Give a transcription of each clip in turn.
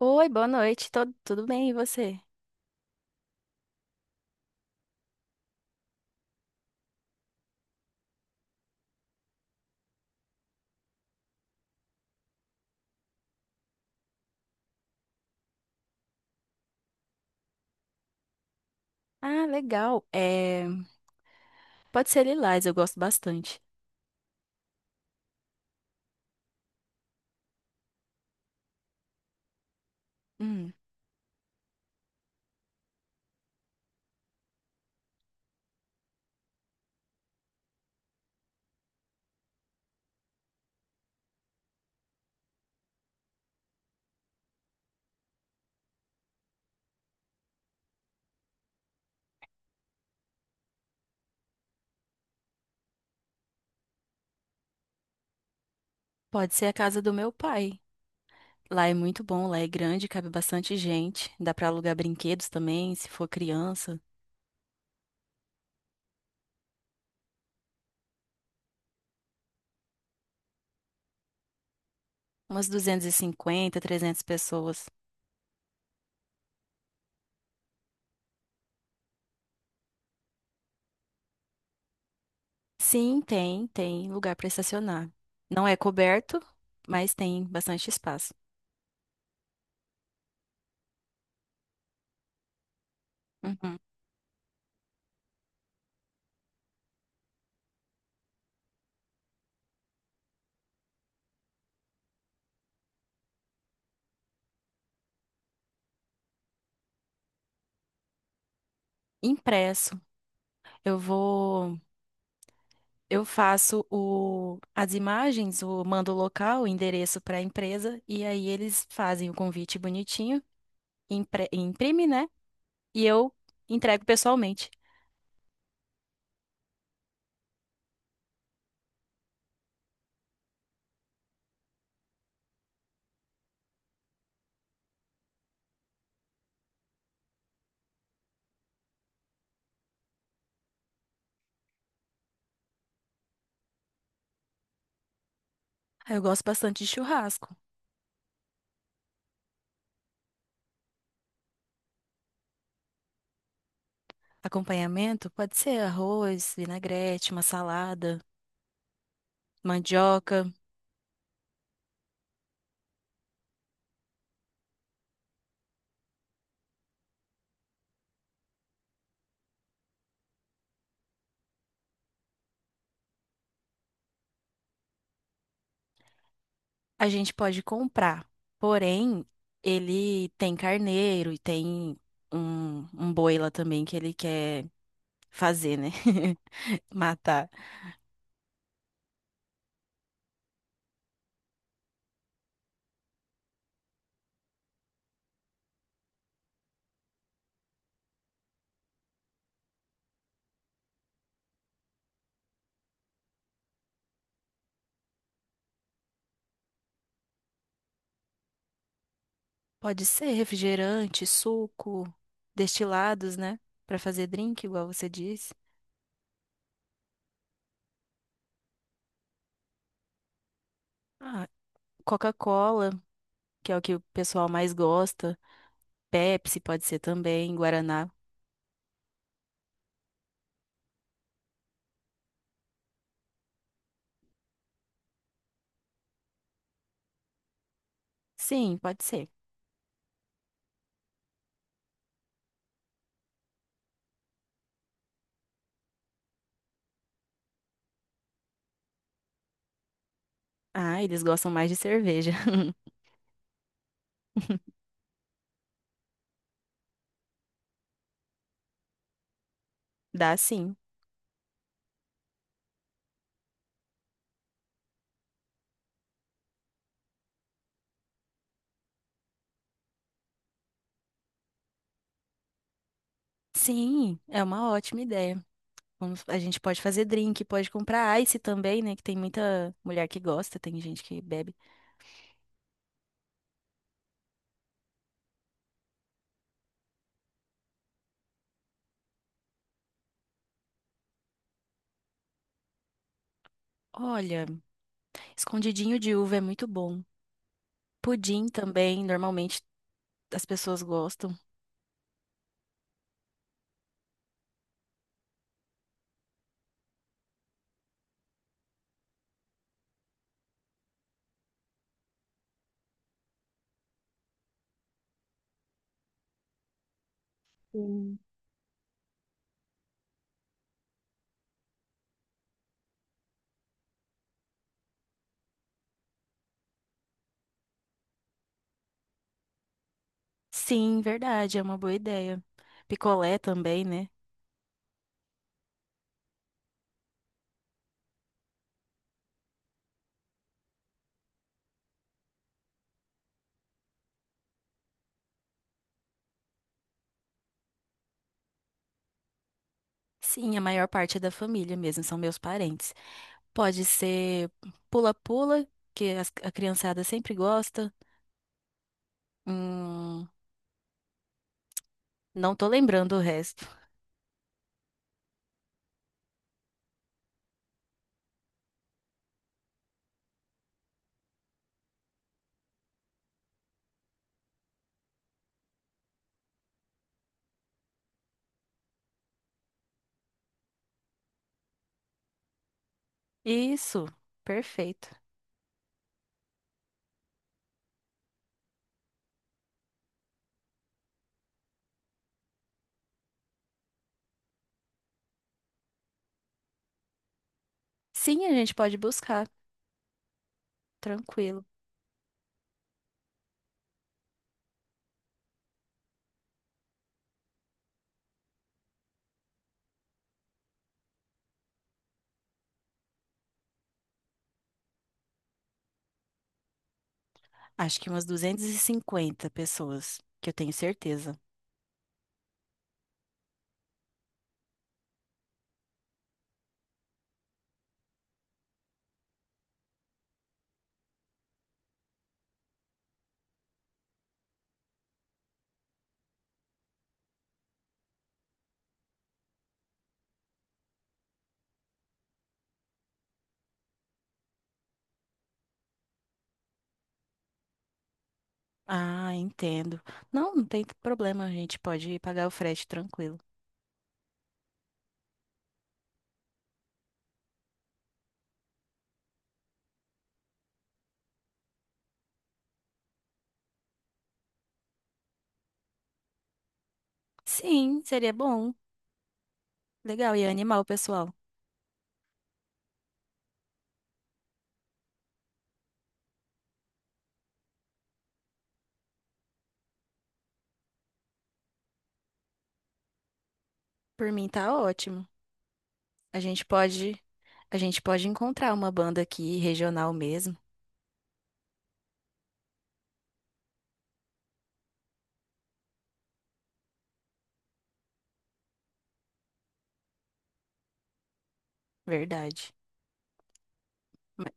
Oi, boa noite. Tudo bem, e você? Ah, legal. Pode ser lilás, eu gosto bastante. Hum, pode ser a casa do meu pai. Lá é muito bom, lá é grande, cabe bastante gente. Dá pra alugar brinquedos também, se for criança. Umas duzentas e cinquenta, 300 pessoas. Sim, tem lugar pra estacionar. Não é coberto, mas tem bastante espaço. Uhum. Impresso. Eu vou. Eu faço as imagens, o mando o local, o endereço para a empresa, e aí eles fazem o convite bonitinho, imprime, né? E eu entrego pessoalmente. Ah, eu gosto bastante de churrasco. Acompanhamento pode ser arroz, vinagrete, uma salada, mandioca. A gente pode comprar, porém, ele tem carneiro e tem um boi lá também que ele quer fazer, né? Matar. Pode ser refrigerante, suco, destilados, né? Pra fazer drink, igual você disse. Ah, Coca-Cola, que é o que o pessoal mais gosta. Pepsi pode ser também, Guaraná. Sim, pode ser. Ah, eles gostam mais de cerveja. Dá sim. Sim, é uma ótima ideia. A gente pode fazer drink, pode comprar ice também, né? Que tem muita mulher que gosta, tem gente que bebe. Olha, escondidinho de uva é muito bom. Pudim também, normalmente as pessoas gostam. Sim, verdade, é uma boa ideia. Picolé também, né? Sim, a maior parte é da família mesmo, são meus parentes. Pode ser pula-pula, que a criançada sempre gosta. Hum, não tô lembrando o resto. Isso, perfeito. Sim, a gente pode buscar, tranquilo. Acho que umas 250 pessoas, que eu tenho certeza. Ah, entendo. Não, não tem problema, a gente pode pagar o frete tranquilo. Sim, seria bom. Legal, e animal, pessoal. Por mim tá ótimo. A gente pode, a gente pode encontrar uma banda aqui regional mesmo, verdade. Mas,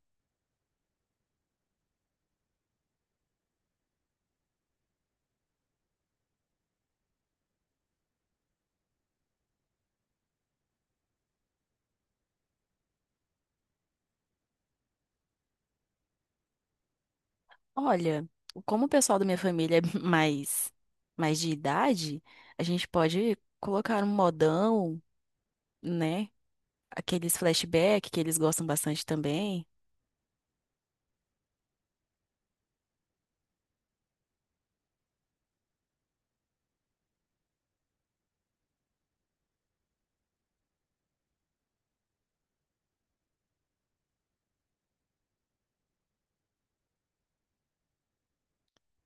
olha, como o pessoal da minha família é mais de idade, a gente pode colocar um modão, né? Aqueles flashback que eles gostam bastante também.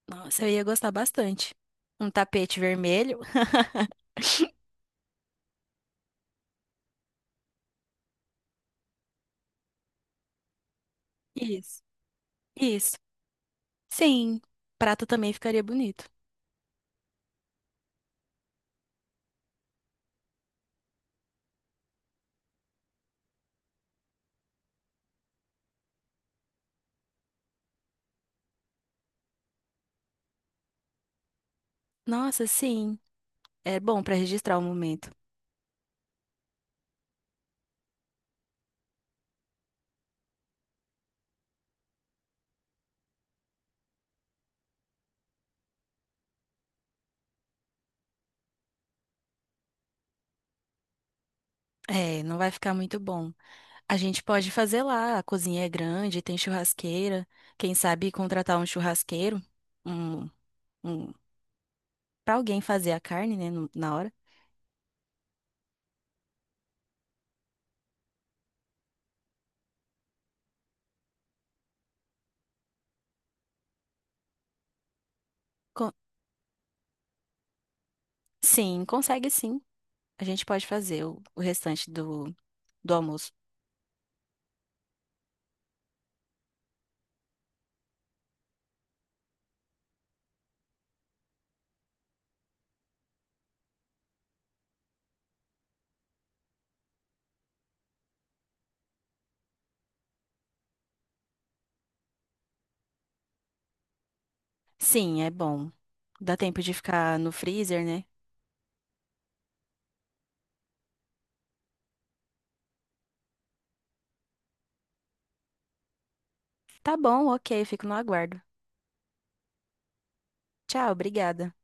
Nossa, eu ia gostar bastante. Um tapete vermelho. Isso. Isso. Sim, prato também ficaria bonito. Nossa, sim. É bom pra registrar o momento. É, não vai ficar muito bom. A gente pode fazer lá, a cozinha é grande, tem churrasqueira. Quem sabe contratar um churrasqueiro, um, um, para alguém fazer a carne, né, na hora. Co- sim, consegue sim. A gente pode fazer o restante do almoço. Sim, é bom. Dá tempo de ficar no freezer, né? Tá bom, ok, fico no aguardo. Tchau, obrigada.